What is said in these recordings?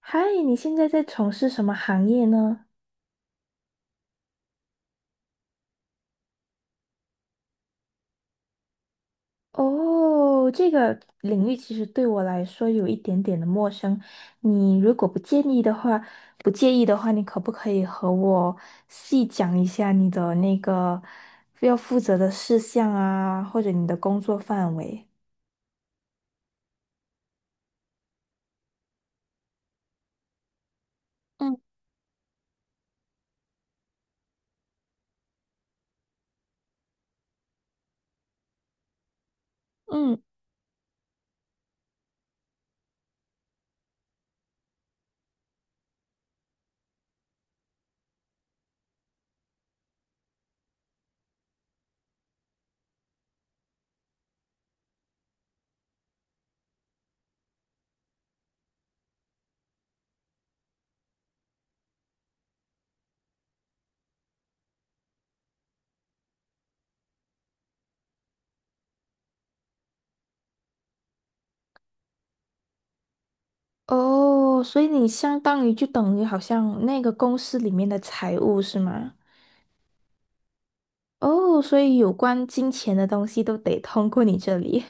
嗨，你现在在从事什么行业呢？哦，这个领域其实对我来说有一点点的陌生。你如果不介意的话，你可不可以和我细讲一下你的那个要负责的事项啊，或者你的工作范围？嗯嗯，哦，所以你相当于就等于好像那个公司里面的财务是吗？哦，所以有关金钱的东西都得通过你这里。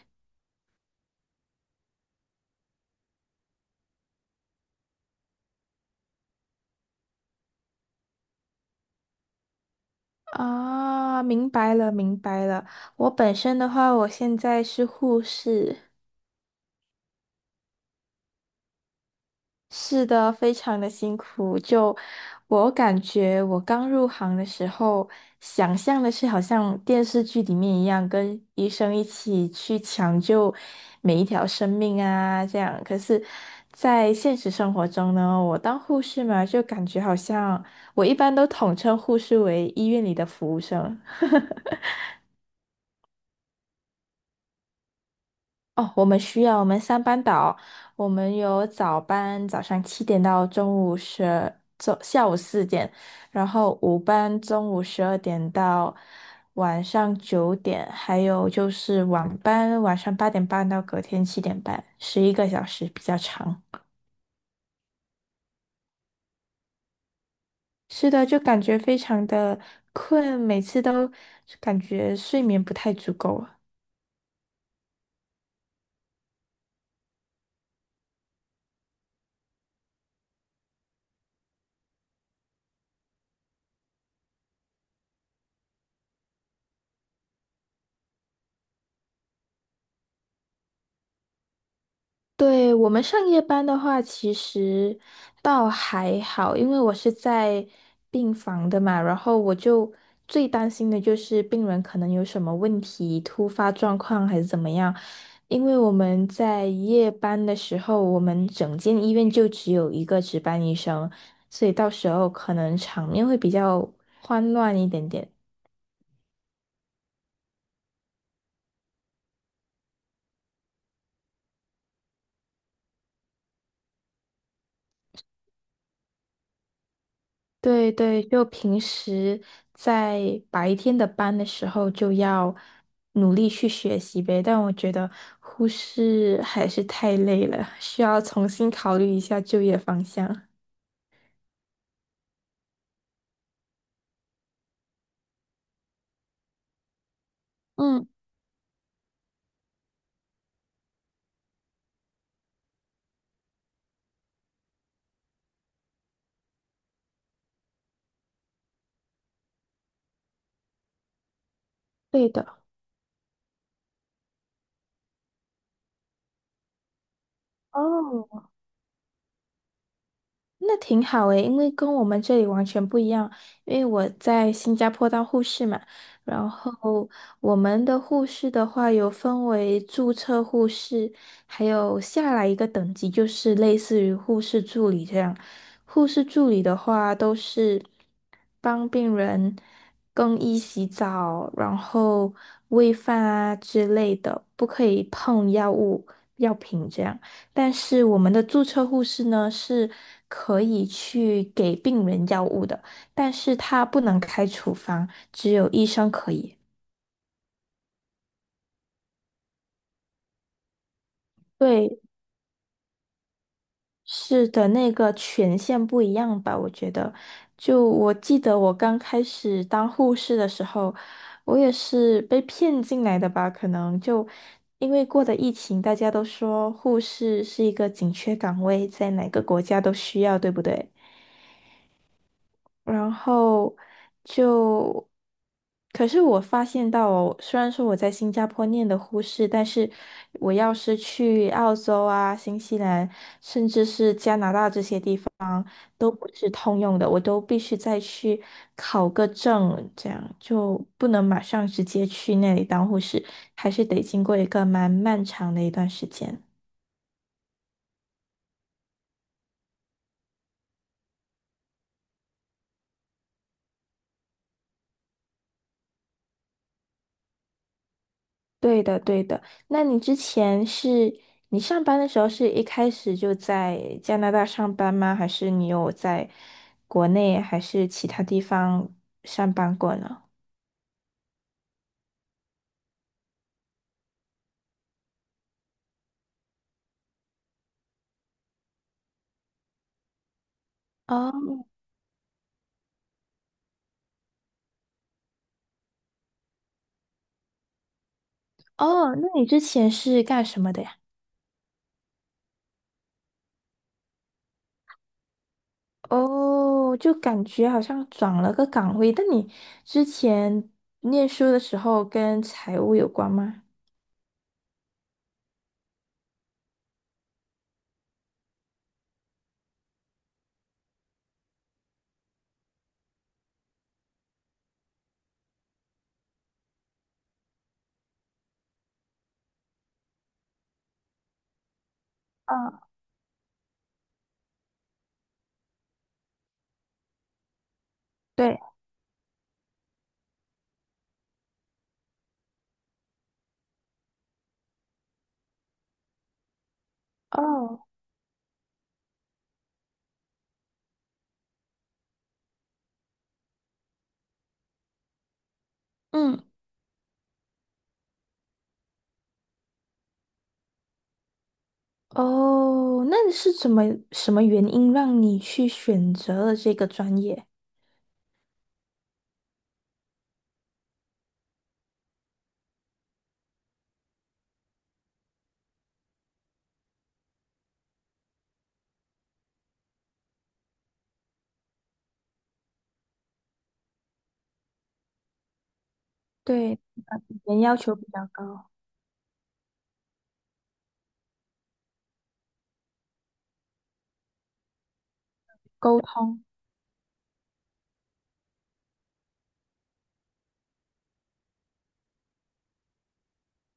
啊，明白了，明白了。我本身的话，我现在是护士，是的，非常的辛苦。就我感觉，我刚入行的时候，想象的是好像电视剧里面一样，跟医生一起去抢救每一条生命啊，这样。可是，在现实生活中呢，我当护士嘛，就感觉好像我一般都统称护士为医院里的服务生。哦，我们需要我们三班倒，我们有早班，早上七点到中午十，中下午4点，然后午班中午12点到晚上9点，还有就是晚班，晚上8点半到隔天7点半，11个小时比较长。是的，就感觉非常的困，每次都感觉睡眠不太足够。对，我们上夜班的话，其实倒还好，因为我是在病房的嘛，然后我就最担心的就是病人可能有什么问题、突发状况还是怎么样。因为我们在夜班的时候，我们整间医院就只有一个值班医生，所以到时候可能场面会比较慌乱一点点。对对，就平时在白天的班的时候就要努力去学习呗，但我觉得护士还是太累了，需要重新考虑一下就业方向。嗯，对的。哦，那挺好诶，因为跟我们这里完全不一样。因为我在新加坡当护士嘛，然后我们的护士的话有分为注册护士，还有下来一个等级就是类似于护士助理这样。护士助理的话都是帮病人更衣、洗澡，然后喂饭啊之类的，不可以碰药物、药品这样。但是我们的注册护士呢是可以去给病人药物的，但是他不能开处方，只有医生可以。对，是的，那个权限不一样吧？我觉得，就我记得我刚开始当护士的时候，我也是被骗进来的吧？可能就因为过的疫情，大家都说护士是一个紧缺岗位，在哪个国家都需要，对不对？然后就，可是我发现到哦虽然说我在新加坡念的护士，但是我要是去澳洲啊、新西兰，甚至是加拿大这些地方，都不是通用的，我都必须再去考个证，这样就不能马上直接去那里当护士，还是得经过一个蛮漫长的一段时间。对的，对的。那你之前是你上班的时候是一开始就在加拿大上班吗？还是你有在国内还是其他地方上班过呢？哦哦，那你之前是干什么的呀？哦，就感觉好像转了个岗位。但你之前念书的时候跟财务有关吗？啊，对，哦，嗯。哦，那你是怎么什么原因让你去选择了这个专业？对，语言要求比较高，沟通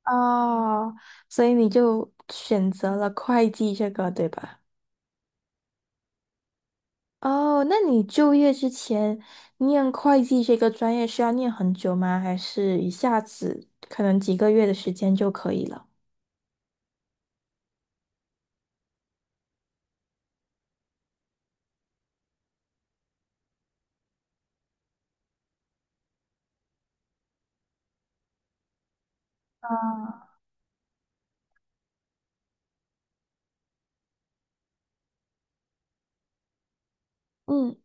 哦，所以你就选择了会计这个，对吧？哦，那你就业之前念会计这个专业是要念很久吗？还是一下子可能几个月的时间就可以了？嗯，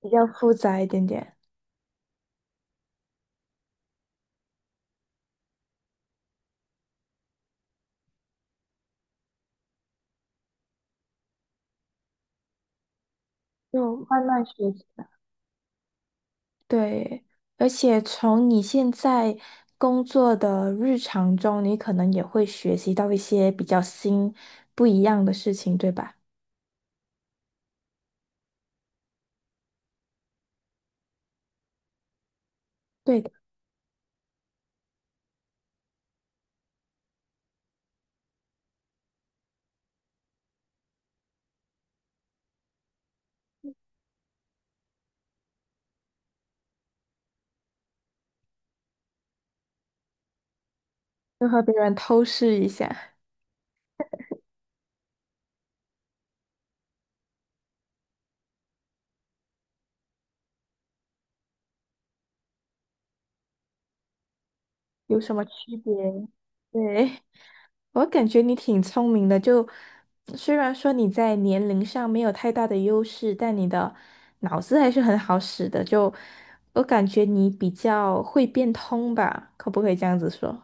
比较复杂一点点，就慢慢学。对，而且从你现在工作的日常中，你可能也会学习到一些比较新、不一样的事情，对吧？对的，就和别人偷视一下有什么区别。对，我感觉你挺聪明的，就虽然说你在年龄上没有太大的优势，但你的脑子还是很好使的，就我感觉你比较会变通吧，可不可以这样子说？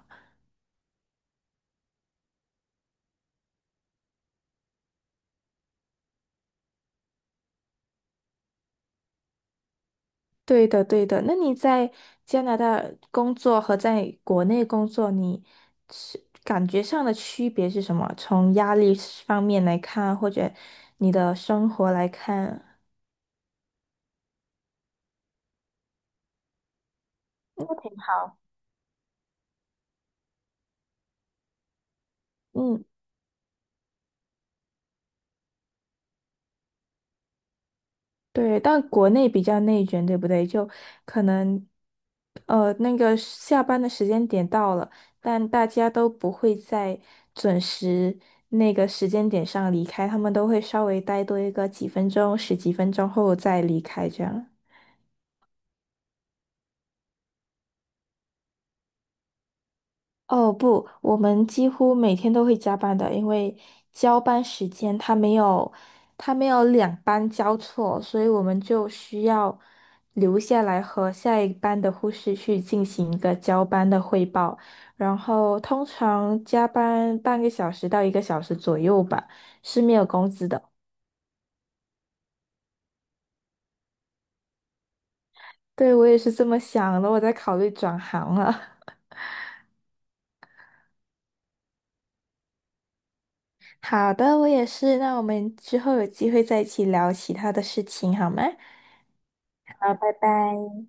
对的，对的。那你在加拿大工作和在国内工作，你是感觉上的区别是什么？从压力方面来看，或者你的生活来看，嗯，对。但国内比较内卷，对不对？就可能，那个下班的时间点到了，但大家都不会在准时那个时间点上离开，他们都会稍微待多一个几分钟、十几分钟后再离开，这样。哦不，我们几乎每天都会加班的，因为交班时间他没有，他没有两班交错，所以我们就需要留下来和下一班的护士去进行一个交班的汇报，然后通常加班半个小时到一个小时左右吧，是没有工资的。对，我也是这么想的，我在考虑转行了。好的，我也是，那我们之后有机会再一起聊其他的事情好吗？好，拜拜。